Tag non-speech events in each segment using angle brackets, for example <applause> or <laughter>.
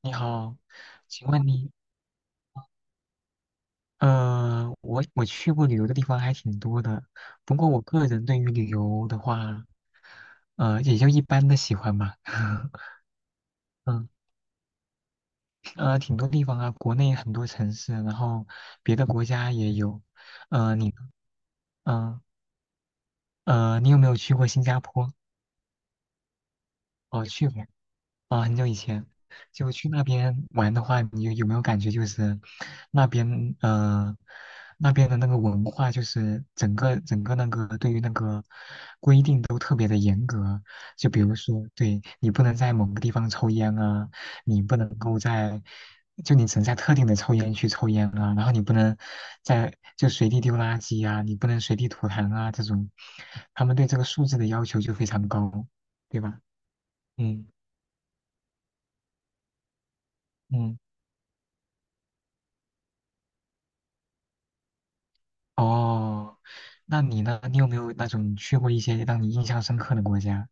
你好，请问你，我去过旅游的地方还挺多的，不过我个人对于旅游的话，也就一般的喜欢吧。<laughs> 嗯，挺多地方啊，国内很多城市，然后别的国家也有。你呢，嗯、你有没有去过新加坡？哦，去过。啊，很久以前就去那边玩的话，你有没有感觉就是那边呃那边的那个文化，就是整个那个对于那个规定都特别的严格。就比如说，对你不能在某个地方抽烟啊，你不能够在就你只能在特定的抽烟区抽烟啊，然后你不能在就随地丢垃圾啊，你不能随地吐痰啊这种，他们对这个素质的要求就非常高，对吧？嗯嗯。哦，那你呢？你有没有那种去过一些让你印象深刻的国家？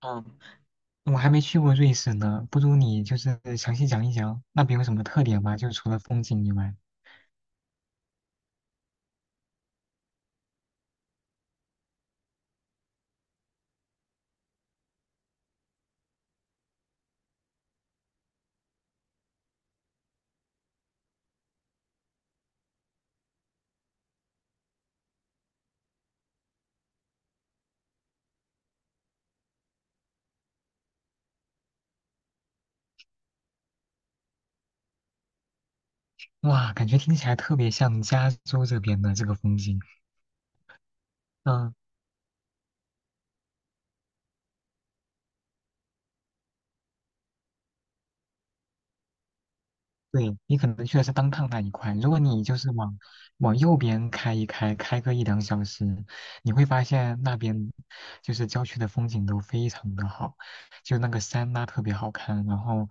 嗯，我还没去过瑞士呢，不如你就是详细讲一讲那边有什么特点吧，就除了风景以外。哇，感觉听起来特别像加州这边的这个风景。嗯。对，你可能去的是当趟那一块，如果你就是往右边开一开，开个一两小时，你会发现那边就是郊区的风景都非常的好，就那个山呐、特别好看，然后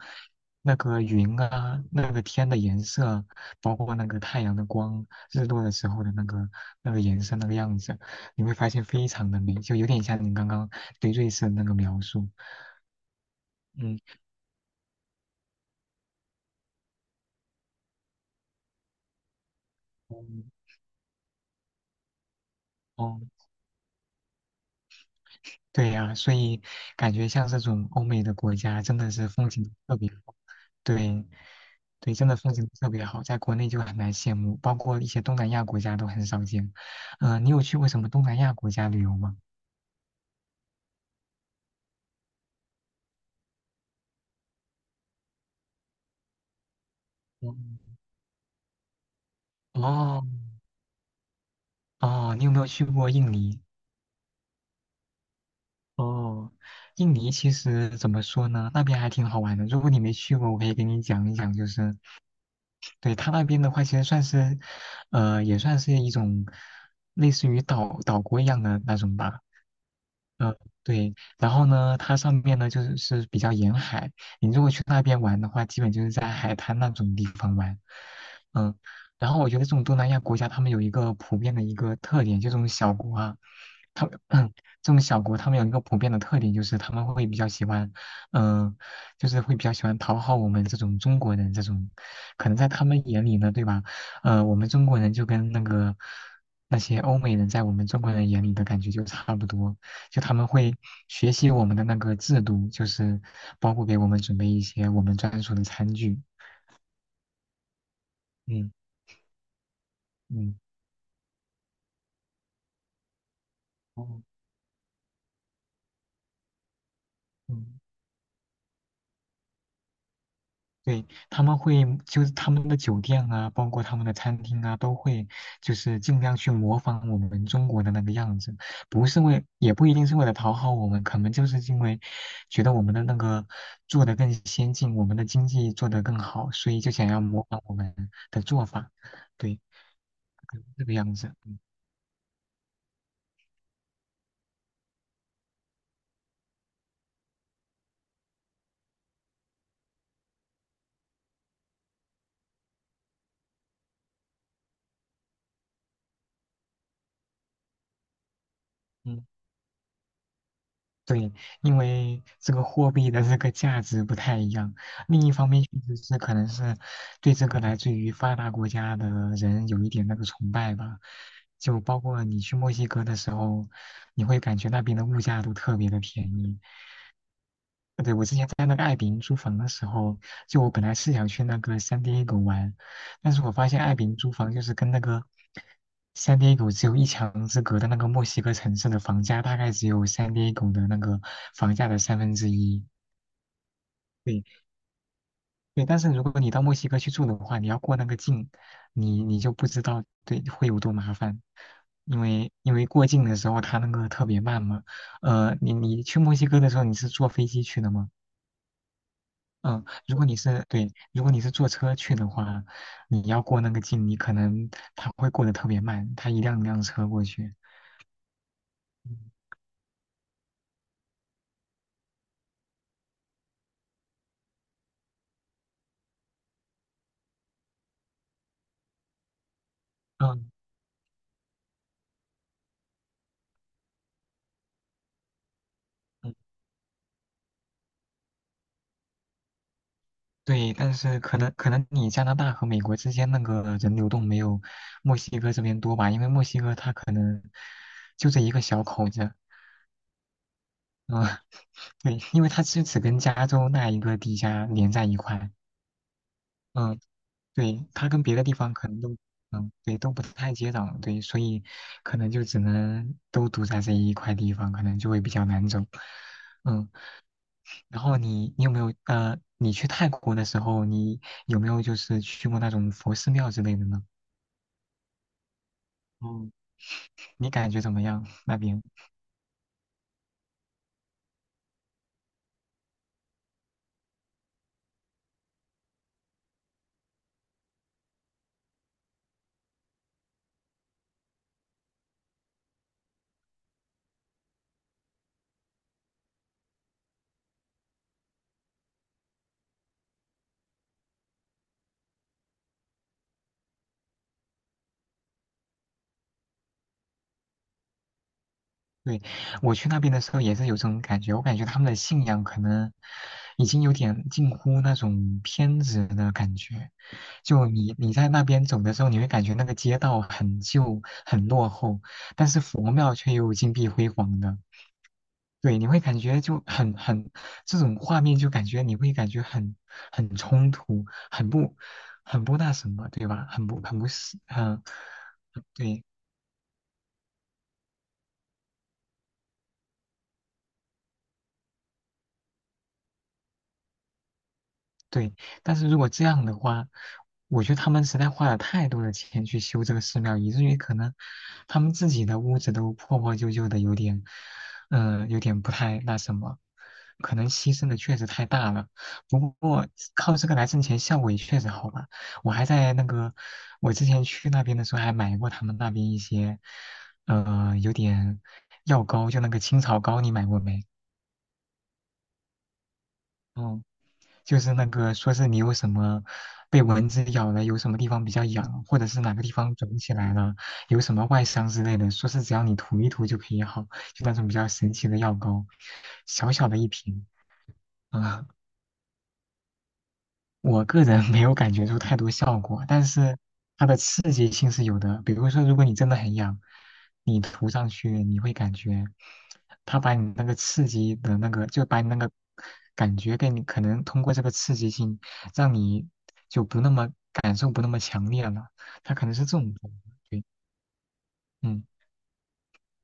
那个云啊，那个天的颜色，包括那个太阳的光，日落的时候的那个颜色那个样子，你会发现非常的美，就有点像你刚刚对瑞士的那个描述，嗯嗯。哦对呀，所以感觉像这种欧美的国家真的是风景特别好，对，对，真的风景特别好，在国内就很难羡慕，包括一些东南亚国家都很少见。嗯、你有去过什么东南亚国家旅游吗？嗯哦哦，你有没有去过印尼？哦，印尼其实怎么说呢，那边还挺好玩的。如果你没去过，我可以给你讲一讲。就是对它那边的话，其实算是，也算是一种类似于岛国一样的那种吧。嗯，对，然后呢，它上面呢就是比较沿海，你如果去那边玩的话，基本就是在海滩那种地方玩，嗯，然后我觉得这种东南亚国家，他们有一个普遍的一个特点，就这种小国啊，他们 <clears throat> 这种小国，他们有一个普遍的特点，就是他们会比较喜欢，嗯、就是会比较喜欢讨好我们这种中国人，这种可能在他们眼里呢，对吧？我们中国人就跟那些欧美人在我们中国人眼里的感觉就差不多。就他们会学习我们的那个制度，就是包括给我们准备一些我们专属的餐具。嗯嗯哦，嗯，对，他们会就是他们的酒店啊，包括他们的餐厅啊，都会就是尽量去模仿我们中国的那个样子，不是为，也不一定是为了讨好我们，可能就是因为觉得我们的那个做得更先进，我们的经济做得更好，所以就想要模仿我们的做法，对，可能是这个样子。嗯。对，因为这个货币的这个价值不太一样。另一方面，确实是可能是对这个来自于发达国家的人有一点那个崇拜吧。就包括你去墨西哥的时候，你会感觉那边的物价都特别的便宜，对，我之前在那个爱彼迎租房的时候，就我本来是想去那个 San Diego 玩，但是我发现爱彼迎租房就是跟那个 San Diego 只有一墙之隔的那个墨西哥城市的房价大概只有 San Diego 的那个房价的三分之一。对对，但是如果你到墨西哥去住的话，你要过那个境，你就不知道对会有多麻烦，因为过境的时候它那个特别慢嘛。你去墨西哥的时候你是坐飞机去的吗？嗯，如果你是对，如果你是坐车去的话，你要过那个境，你可能它会过得特别慢，它一辆一辆车过去。嗯嗯，嗯对，但是可能你加拿大和美国之间那个人流动没有墨西哥这边多吧，因为墨西哥它可能就这一个小口子，嗯，<laughs> 对，因为它是只跟加州那一个地下连在一块，嗯，对，它跟别的地方可能都，嗯，对，都不太接壤，对，所以可能就只能都堵在这一块地方，可能就会比较难走。嗯，然后你有没有你去泰国的时候，你有没有就是去过那种佛寺庙之类的呢？嗯，你感觉怎么样那边？对，我去那边的时候也是有这种感觉，我感觉他们的信仰可能已经有点近乎那种偏执的感觉。就你在那边走的时候，你会感觉那个街道很旧、很落后，但是佛庙却又金碧辉煌的。对，你会感觉就很这种画面，就感觉你会感觉很冲突，很不很不那什么，对吧？很不是，嗯，对。对，但是如果这样的话，我觉得他们实在花了太多的钱去修这个寺庙，以至于可能他们自己的屋子都破破旧旧的，有点，有点不太那什么，可能牺牲的确实太大了。不过靠这个来挣钱，效果也确实好吧。我还在那个，我之前去那边的时候还买过他们那边一些，有点药膏，就那个青草膏，你买过没？嗯。就是那个说是你有什么被蚊子咬了，有什么地方比较痒，或者是哪个地方肿起来了，有什么外伤之类的，说是只要你涂一涂就可以好，就那种比较神奇的药膏，小小的一瓶啊。我个人没有感觉出太多效果，但是它的刺激性是有的。比如说，如果你真的很痒，你涂上去，你会感觉它把你那个刺激的那个，就把你那个感觉给你，可能通过这个刺激性，让你就不那么感受不那么强烈了。它可能是这种作用对，嗯。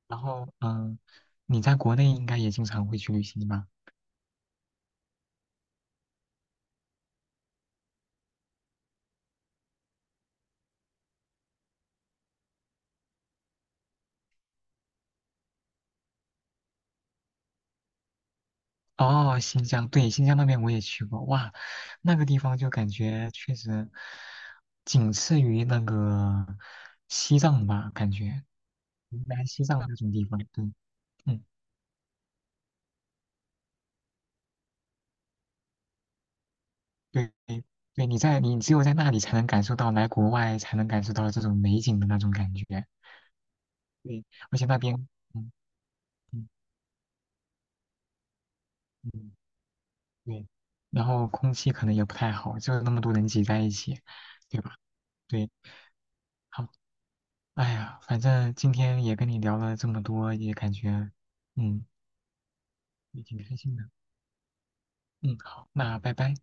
然后，你在国内应该也经常会去旅行吧？哦，新疆，对，新疆那边我也去过，哇，那个地方就感觉确实仅次于那个西藏吧，感觉云南、西藏那种地方，对，嗯，对，对，你在你只有在那里才能感受到，来国外才能感受到这种美景的那种感觉，对，而且那边，嗯嗯嗯，对，然后空气可能也不太好，就那么多人挤在一起，对吧？对，好。哎呀，反正今天也跟你聊了这么多，也感觉嗯也挺开心的。嗯，好，那拜拜。